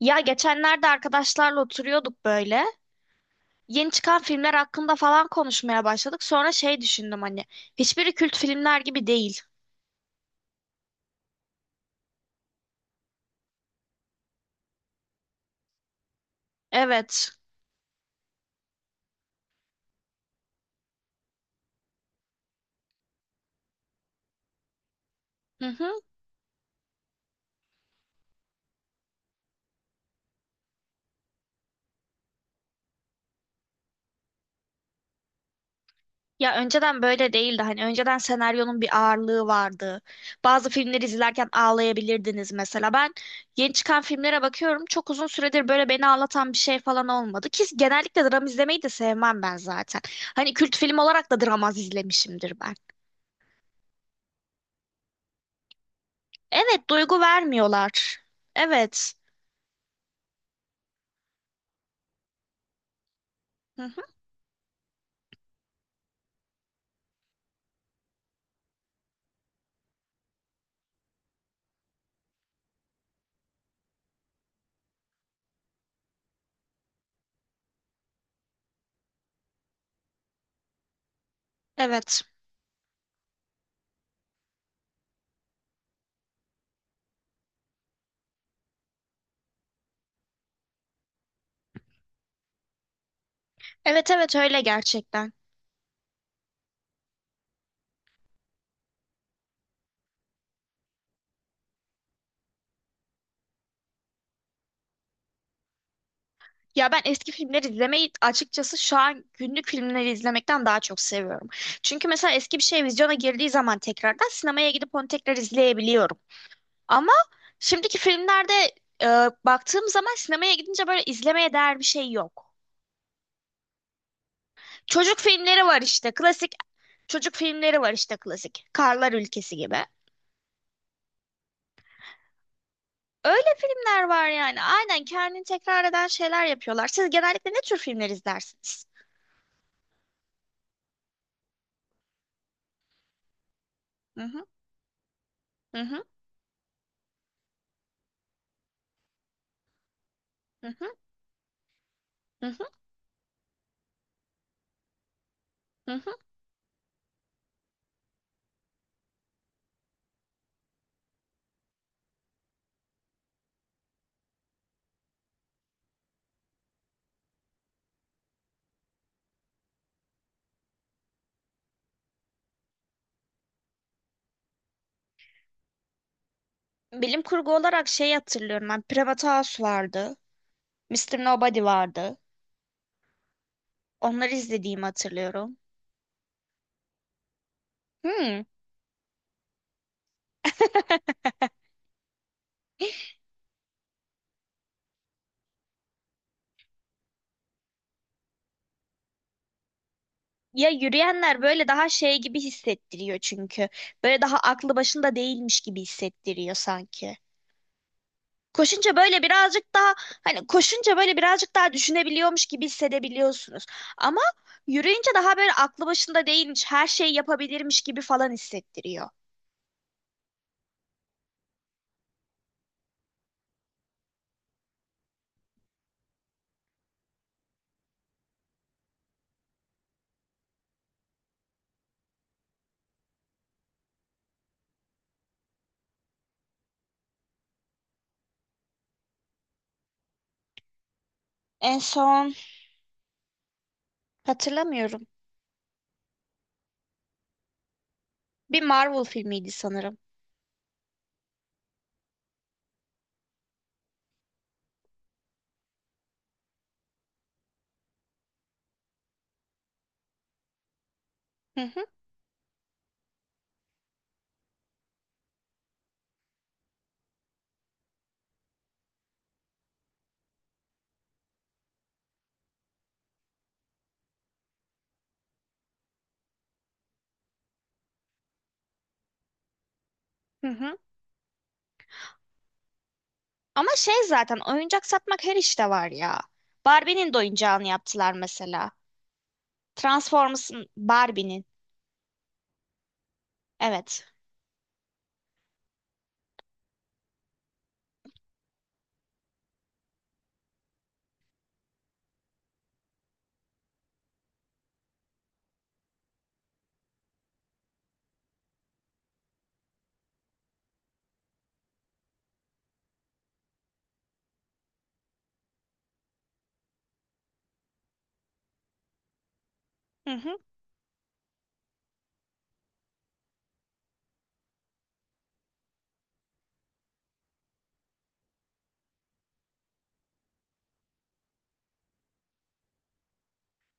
Ya geçenlerde arkadaşlarla oturuyorduk böyle. Yeni çıkan filmler hakkında falan konuşmaya başladık. Sonra şey düşündüm hani. Hiçbiri kült filmler gibi değil. Evet. Hı hı. Ya önceden böyle değildi. Hani önceden senaryonun bir ağırlığı vardı. Bazı filmleri izlerken ağlayabilirdiniz mesela. Ben yeni çıkan filmlere bakıyorum. Çok uzun süredir böyle beni ağlatan bir şey falan olmadı. Ki genellikle dram izlemeyi de sevmem ben zaten. Hani kült film olarak da dram az izlemişimdir ben. Evet, duygu vermiyorlar. Evet. Hı hı. Evet. Evet evet öyle gerçekten. Ya ben eski filmleri izlemeyi açıkçası şu an günlük filmleri izlemekten daha çok seviyorum. Çünkü mesela eski bir şey vizyona girdiği zaman tekrardan sinemaya gidip onu tekrar izleyebiliyorum. Ama şimdiki filmlerde e, baktığım zaman sinemaya gidince böyle izlemeye değer bir şey yok. Çocuk filmleri var işte klasik çocuk filmleri var işte klasik. Karlar Ülkesi gibi. Öyle filmler var yani. Aynen kendini tekrar eden şeyler yapıyorlar. Siz genellikle ne tür filmler izlersiniz? Hı hı. Hı hı, hı hı, hı hı, hı hı. Bilim kurgu olarak şey hatırlıyorum ben. Private House vardı. Mister Nobody vardı. Onları izlediğimi hatırlıyorum. Hmm. Ya yürüyenler böyle daha şey gibi hissettiriyor çünkü. Böyle daha aklı başında değilmiş gibi hissettiriyor sanki. Koşunca böyle birazcık daha hani koşunca böyle birazcık daha düşünebiliyormuş gibi hissedebiliyorsunuz. Ama yürüyünce daha böyle aklı başında değilmiş, her şeyi yapabilirmiş gibi falan hissettiriyor. En son hatırlamıyorum. Bir Marvel filmiydi sanırım. Hı hı hı hı. Ama şey zaten oyuncak satmak her işte var ya. Barbie'nin de oyuncağını yaptılar mesela. Transformers'ın Barbie'nin. Evet. Hı hı.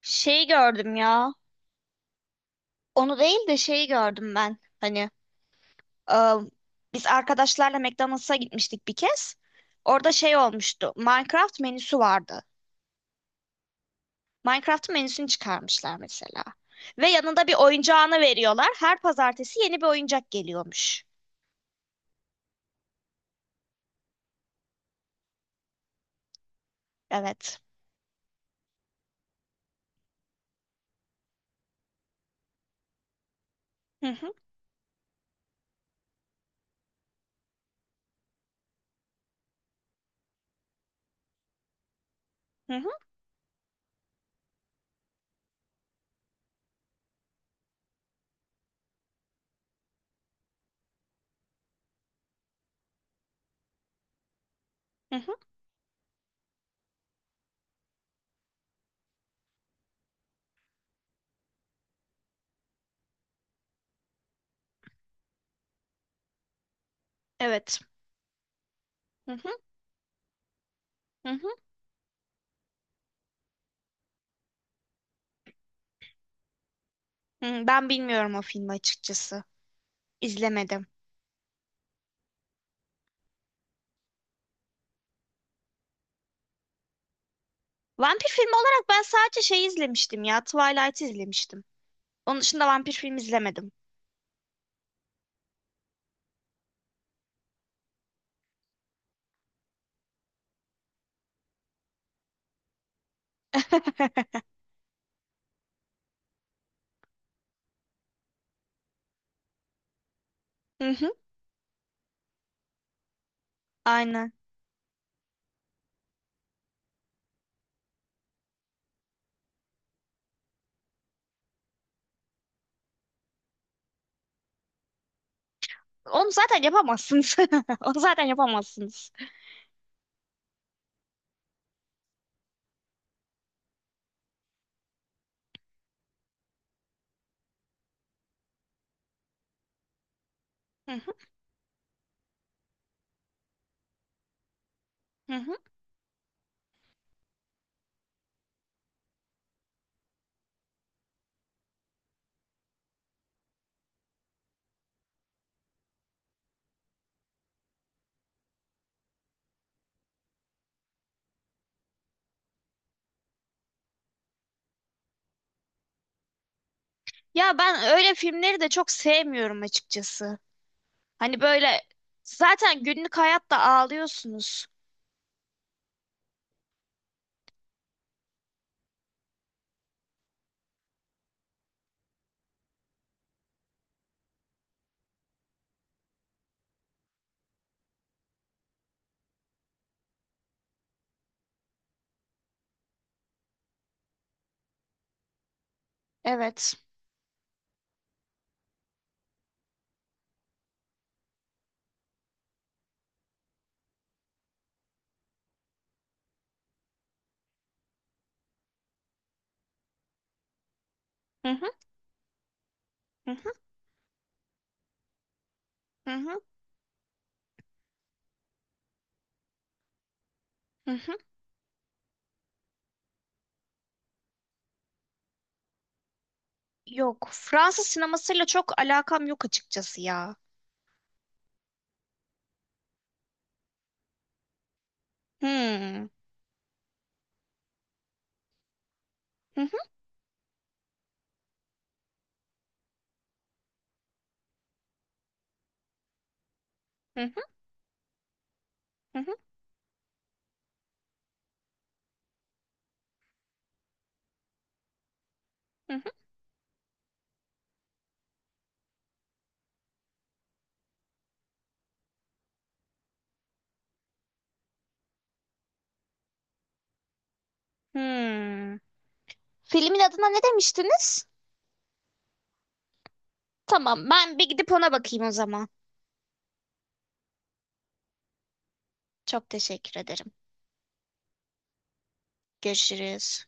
Şeyi gördüm ya. Onu değil de şeyi gördüm ben. Hani e, biz arkadaşlarla McDonald's'a gitmiştik bir kez. Orada şey olmuştu. Minecraft menüsü vardı. Minecraft menüsünü çıkarmışlar mesela. Ve yanında bir oyuncağını veriyorlar. Her pazartesi yeni bir oyuncak geliyormuş. Evet. Hı hı, hı hı. Evet. Hı hı, hı hı. Hı, ben bilmiyorum o filmi açıkçası. İzlemedim. Vampir filmi olarak ben sadece şey izlemiştim ya. Twilight izlemiştim. Onun dışında vampir film izlemedim. Hı hı, aynen. Onu zaten yapamazsınız. Onu zaten yapamazsınız. Hı hı, hı hı. Ya ben öyle filmleri de çok sevmiyorum açıkçası. Hani böyle zaten günlük hayatta ağlıyorsunuz. Evet. Hı hı, hı hı, hı hı, hı hı. Yok. Fransız sinemasıyla çok alakam yok açıkçası ya. Hmm. Hı hı hı hı hı hı hı hı. Hmm. Filmin adına ne demiştiniz? Tamam, ben bir gidip ona bakayım o zaman. Çok teşekkür ederim. Görüşürüz.